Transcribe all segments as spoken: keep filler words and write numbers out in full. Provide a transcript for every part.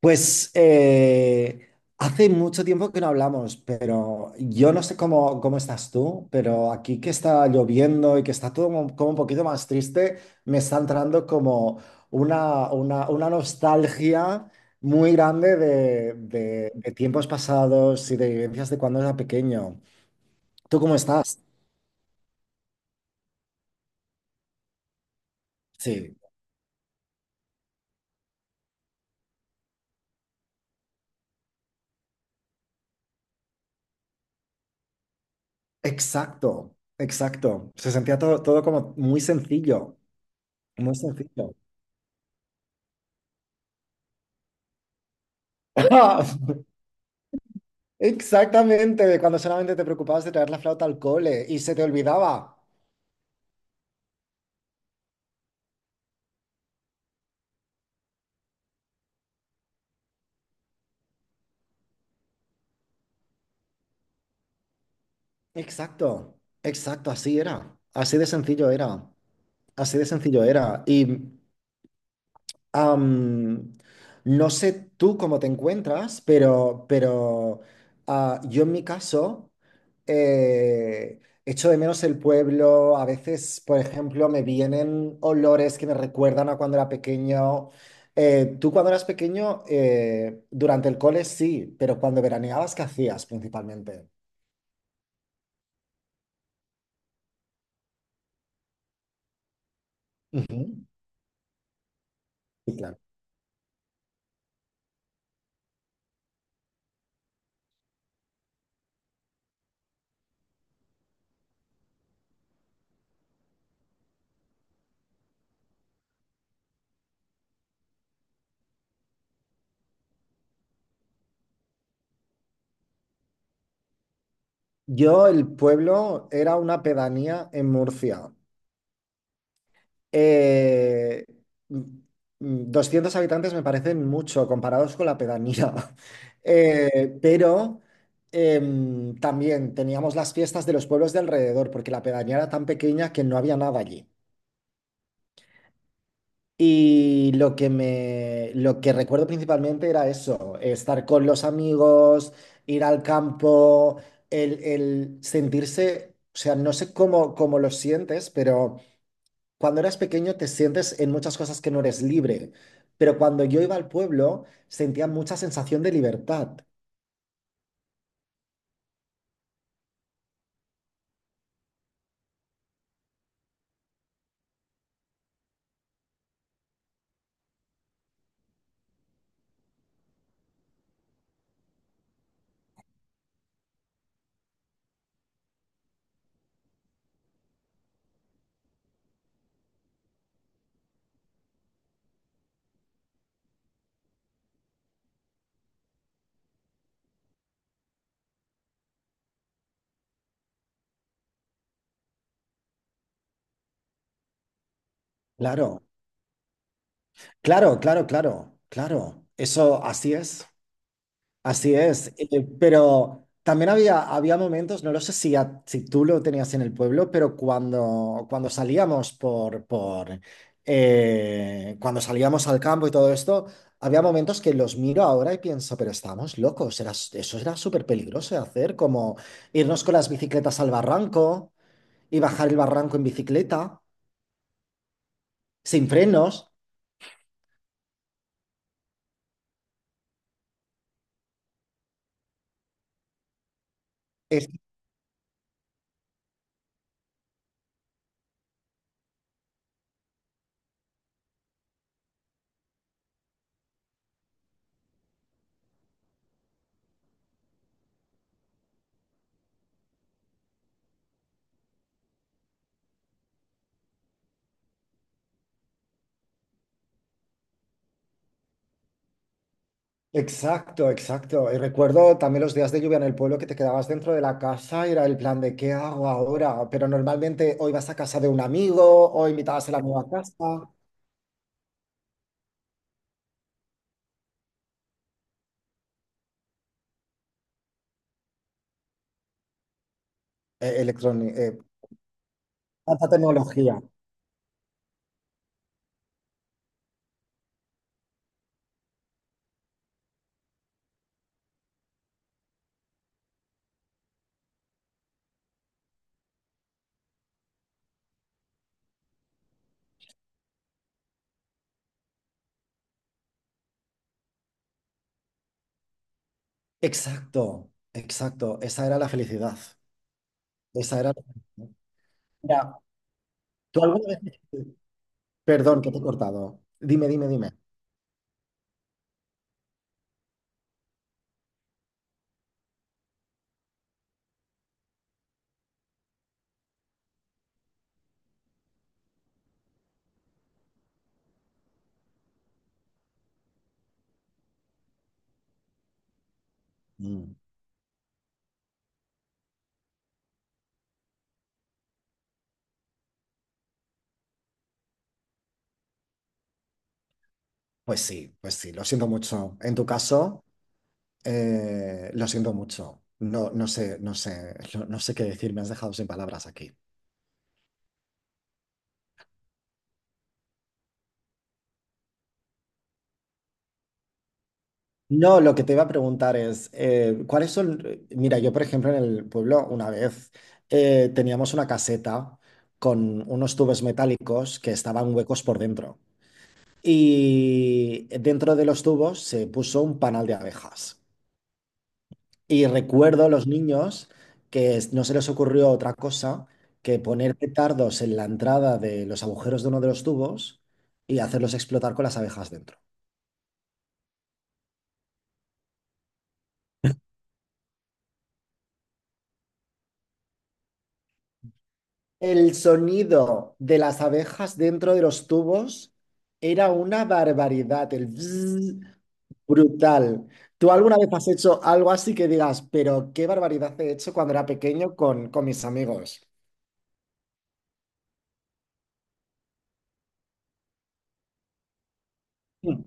Pues eh, Hace mucho tiempo que no hablamos, pero yo no sé cómo, cómo estás tú, pero aquí que está lloviendo y que está todo como, como un poquito más triste, me está entrando como una, una, una nostalgia muy grande de, de- de tiempos pasados y de vivencias de cuando era pequeño. ¿Tú cómo estás? Sí, exacto, exacto. Se sentía todo, todo como muy sencillo, muy sencillo. Exactamente, de cuando solamente te preocupabas de traer la flauta al cole y se te olvidaba. Exacto, exacto, así era. Así de sencillo era. Así de sencillo era. Y Am, no sé tú cómo te encuentras, pero, pero ah, yo en mi caso eh, echo de menos el pueblo. A veces, por ejemplo, me vienen olores que me recuerdan a cuando era pequeño. Eh, tú cuando eras pequeño, eh, durante el cole sí, pero cuando veraneabas, ¿qué hacías principalmente? Ujú, sí, claro. Yo, el pueblo, era una pedanía en Murcia. Eh, mm, mm, doscientos habitantes me parecen mucho comparados con la pedanía. Eh, pero em, También teníamos las fiestas de los pueblos de alrededor, porque la pedanía era tan pequeña que no había nada allí. Y lo que me, lo que recuerdo principalmente era eso, estar con los amigos, ir al campo, el, el sentirse, o sea, no sé cómo, cómo lo sientes, pero cuando eras pequeño te sientes en muchas cosas que no eres libre, pero cuando yo iba al pueblo sentía mucha sensación de libertad. Claro, claro, claro, claro, claro. Eso así es. Así es, eh, pero también había, había momentos, no lo sé si, a- si tú lo tenías en el pueblo, pero cuando, cuando salíamos por, por eh, cuando salíamos al campo y todo esto, había momentos que los miro ahora y pienso, pero estábamos locos, era, s- eso era súper peligroso de hacer, como irnos con las bicicletas al barranco y bajar el barranco en bicicleta, sin frenos. Exacto, exacto. Y recuerdo también los días de lluvia en el pueblo que te quedabas dentro de la casa y era el plan de ¿qué hago ahora? Pero normalmente hoy vas a casa de un amigo o invitabas a la nueva casa. Eh, electroni- eh, Tanta tecnología. Exacto, exacto. Esa era la felicidad. Esa era la felicidad. Mira, ¿tú alguna vez... Perdón, que te he cortado. Dime, dime, dime. Mm. Pues sí, pues sí, lo siento mucho. ¿En tu caso? Eh, lo siento mucho. No, no sé, no sé, no, no sé qué decir. Me has dejado sin palabras aquí. No, lo que te iba a preguntar es, eh, ¿cuáles son? Mira, yo por ejemplo en el pueblo una vez eh, teníamos una caseta con unos tubos metálicos que estaban huecos por dentro. Y dentro de los tubos se puso un panal de abejas. Y recuerdo a los niños que es- no se les ocurrió otra cosa que poner petardos en la entrada de los agujeros de uno de los tubos y hacerlos explotar con las abejas dentro. El sonido de las abejas dentro de los tubos era una barbaridad, el bzzz brutal. ¿Tú alguna vez has hecho algo así que digas, pero qué barbaridad he hecho cuando era pequeño con, con mis amigos? Mm,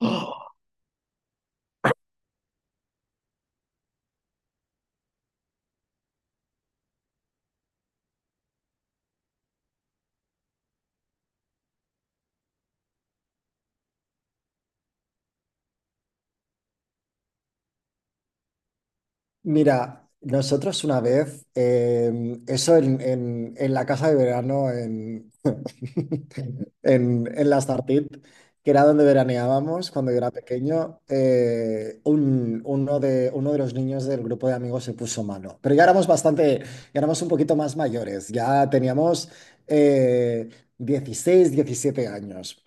ujú. Mira, nosotros una vez, eh, eso en, en- en la casa de verano, en, en, en la Startit, que era donde veraneábamos cuando yo era pequeño, eh, un- uno de, uno de los niños del grupo de amigos se puso mano. Pero ya éramos bastante, ya éramos un poquito más mayores, ya teníamos eh, dieciséis, diecisiete años.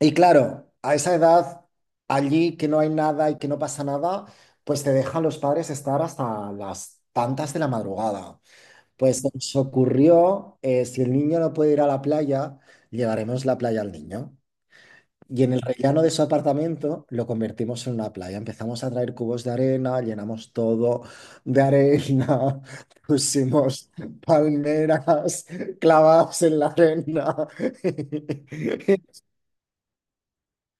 Y claro, a esa edad, allí que no hay nada y que no pasa nada, pues te dejan los padres estar hasta las tantas de la madrugada. Pues se nos ocurrió, eh, si el niño no puede ir a la playa, llevaremos la playa al niño. Y en el rellano de su apartamento lo convertimos en una playa. Empezamos a traer cubos de arena, llenamos todo de arena, pusimos palmeras clavadas en la arena.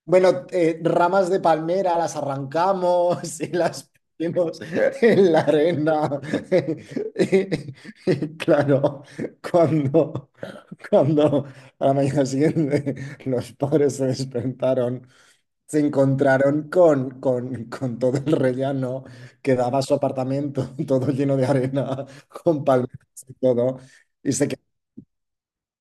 Bueno, eh, ramas de palmera las arrancamos y las ponemos en la arena. Y claro, cuando, cuando a la mañana siguiente los padres se despertaron, se encontraron con, con, con todo el rellano que daba su apartamento, todo lleno de arena, con palmeras y todo, y se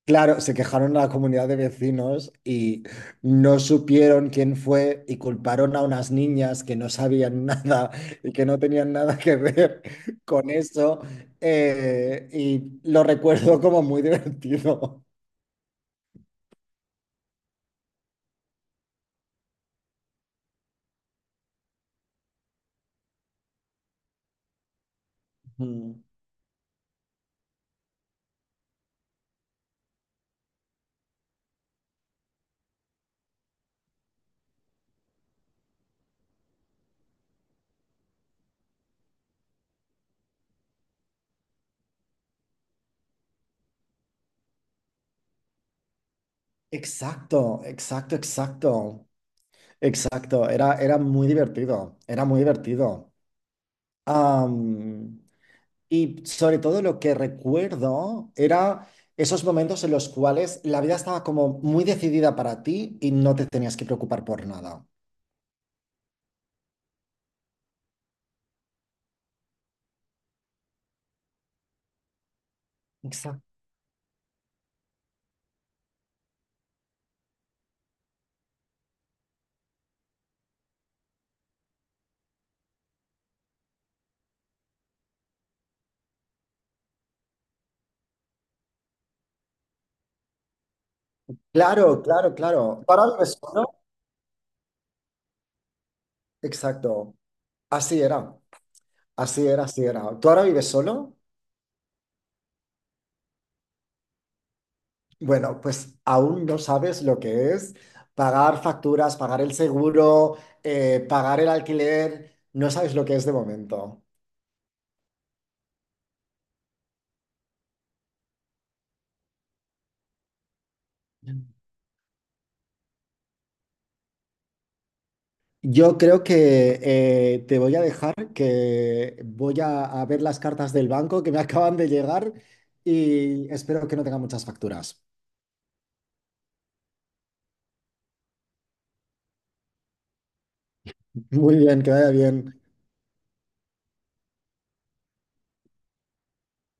claro, se quejaron a la comunidad de vecinos y no supieron quién fue y culparon a unas niñas que no sabían nada y que no tenían nada que ver con eso. Eh, y lo recuerdo como muy divertido. Mm. Exacto, exacto, exacto, exacto. Era, era muy divertido, era muy divertido. Am, Y sobre todo lo que recuerdo era esos momentos en los cuales la vida estaba como muy decidida para ti y no te tenías que preocupar por nada. Exacto. Claro, claro, claro. ¿Tú ahora vives solo? Exacto. Así era, así era, así era. ¿Tú ahora vives solo? Bueno, pues aún no sabes lo que es pagar facturas, pagar el seguro, eh, pagar el alquiler. No sabes lo que es de momento. Yo creo que eh, te voy a dejar, que voy a, a ver las cartas del banco que me acaban de llegar y espero que no tenga muchas facturas. Muy bien, que vaya bien.